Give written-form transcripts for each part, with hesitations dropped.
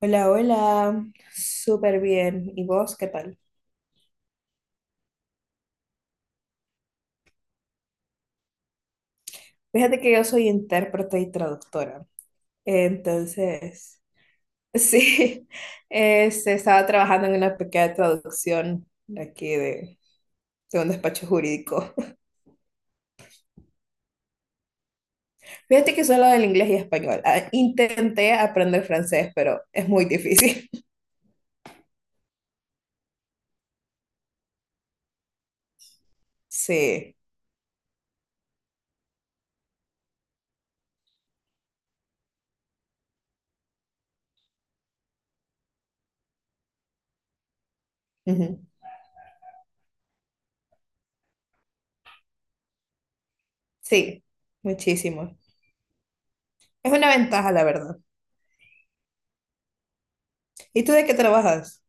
Hola, hola, súper bien. ¿Y vos qué tal? Fíjate que yo soy intérprete y traductora. Entonces, sí, estaba trabajando en una pequeña traducción de aquí de un despacho jurídico. Fíjate que solo del inglés y español. Ah, intenté aprender francés, pero es muy difícil. Sí, ujú, sí, muchísimo. Es una ventaja, la verdad. ¿Y tú de qué trabajas?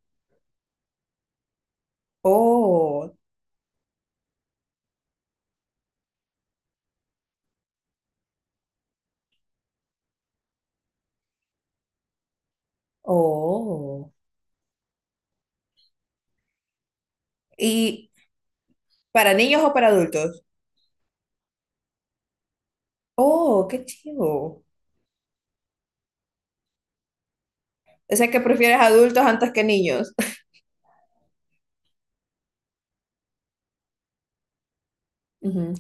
Oh. Oh. ¿Y para niños o para adultos? Oh, qué chivo. O sea, que prefieres adultos antes que niños. Ujú,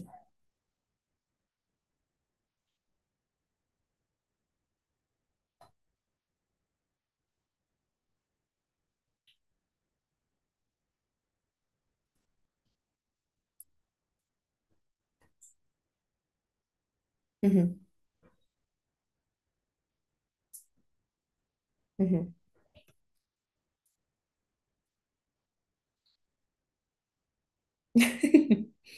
ujú, ujú.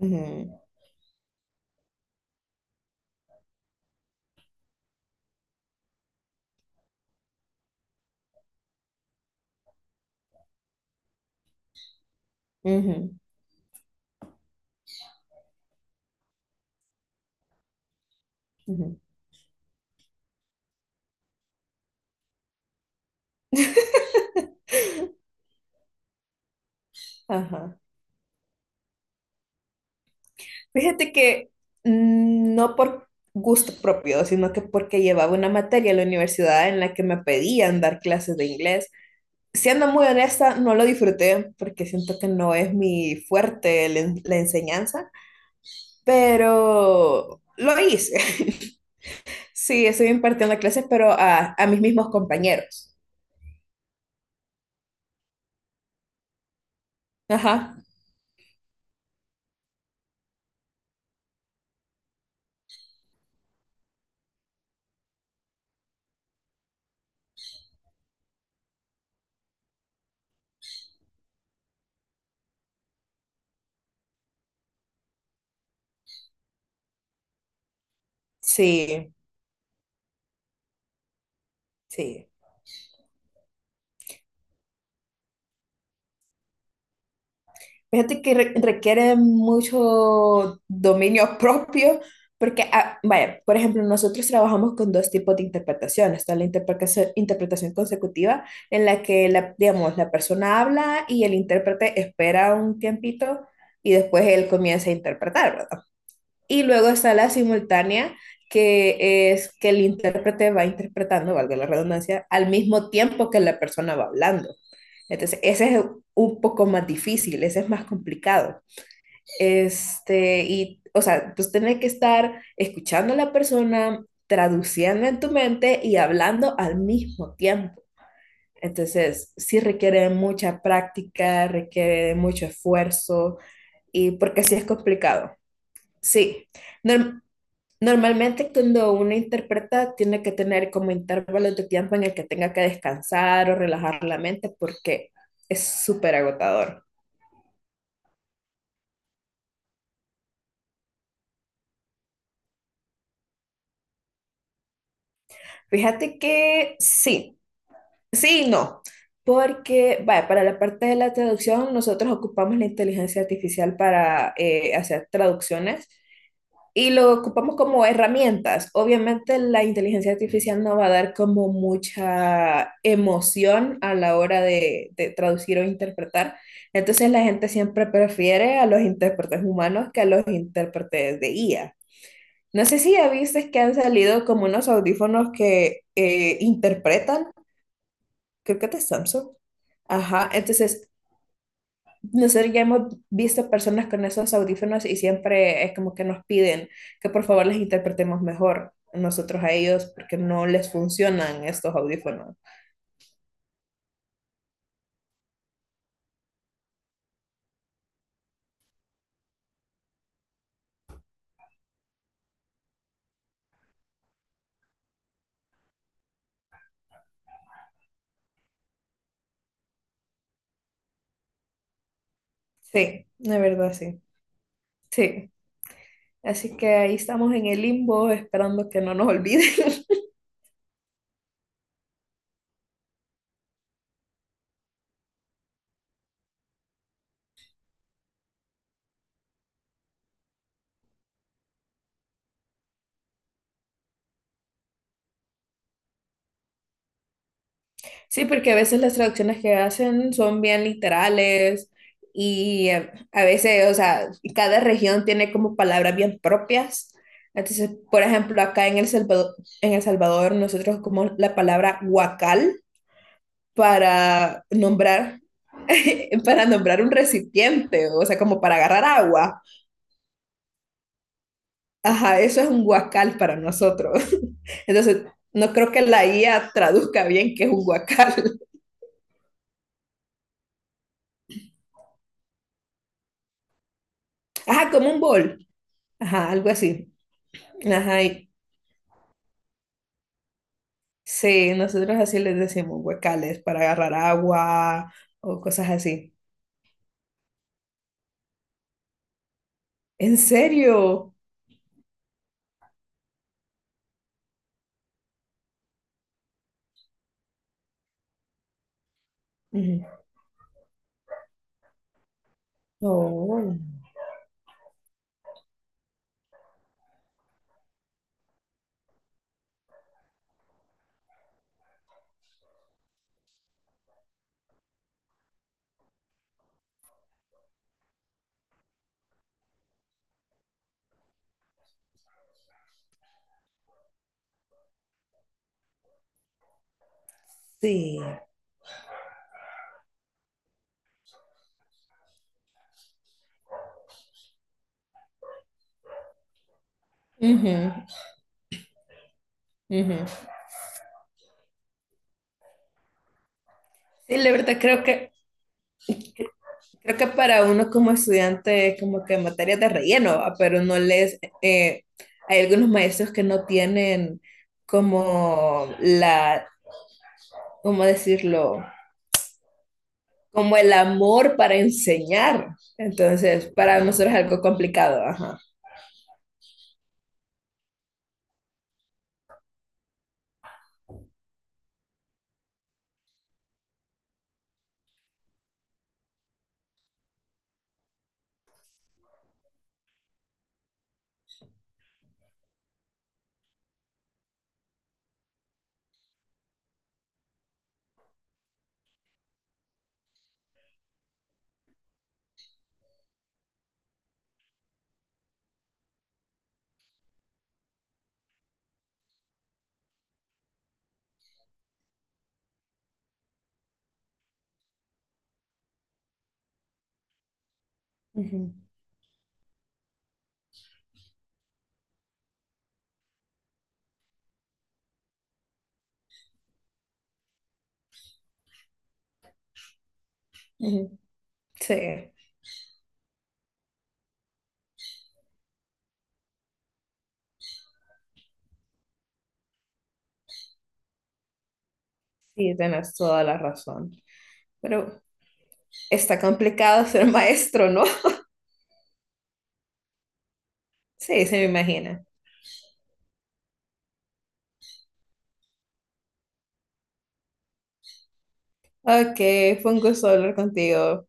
Ujú. Ujú, ujú. Ajá. Fíjate que no por gusto propio, sino que porque llevaba una materia en la universidad en la que me pedían dar clases de inglés. Siendo muy honesta, no lo disfruté porque siento que no es mi fuerte la enseñanza, pero lo hice. Sí, estoy impartiendo clases, pero a mis mismos compañeros. Ajá. Sí, sí. Fíjate que requiere mucho dominio propio, porque, ah, vaya, por ejemplo, nosotros trabajamos con dos tipos de interpretación. Está interpretación consecutiva, en la que, la, digamos, la persona habla y el intérprete espera un tiempito y después él comienza a interpretar, ¿verdad? Y luego está la simultánea, que es que el intérprete va interpretando, valga la redundancia, al mismo tiempo que la persona va hablando. Entonces, ese es un poco más difícil, ese es más complicado. Y, o sea, pues tenés que estar escuchando a la persona, traduciendo en tu mente y hablando al mismo tiempo. Entonces, sí requiere mucha práctica, requiere mucho esfuerzo y porque sí es complicado. Sí, no, normalmente cuando uno interpreta tiene que tener como intervalos de tiempo en el que tenga que descansar o relajar la mente porque es súper agotador. Fíjate que sí, sí y no, porque vaya, para la parte de la traducción nosotros ocupamos la inteligencia artificial para hacer traducciones y lo ocupamos como herramientas. Obviamente la inteligencia artificial no va a dar como mucha emoción a la hora de traducir o interpretar. Entonces la gente siempre prefiere a los intérpretes humanos que a los intérpretes de IA. No sé si ya viste que han salido como unos audífonos que interpretan, creo que de Samsung. Ajá, entonces nosotros ya hemos visto personas con esos audífonos y siempre es como que nos piden que por favor les interpretemos mejor nosotros a ellos porque no les funcionan estos audífonos. Sí, de verdad, sí. Sí. Así que ahí estamos en el limbo esperando que no nos olviden. Sí, porque a veces las traducciones que hacen son bien literales y a veces, o sea, cada región tiene como palabras bien propias. Entonces, por ejemplo, acá en El Salvador nosotros como la palabra huacal para nombrar, para nombrar un recipiente, o sea, como para agarrar agua. Ajá, eso es un huacal para nosotros. Entonces, no creo que la IA traduzca bien qué es un huacal. Ajá, como un bol. Ajá, algo así. Ajá, y sí, nosotros así les decimos huecales para agarrar agua o cosas así. ¿En serio? Ujú. Oh, sí. Ujú, ujú. Sí, la verdad creo que para uno como estudiante es como que materias de relleno, ¿va? Pero no les hay algunos maestros que no tienen como ¿cómo decirlo? Como el amor para enseñar. Entonces, para nosotros es algo complicado, ajá. Ujú, ujú. Sí, sí, tienes toda la razón. Pero está complicado ser maestro, ¿no? Sí, se me imagina. Ok, fue un gusto hablar contigo.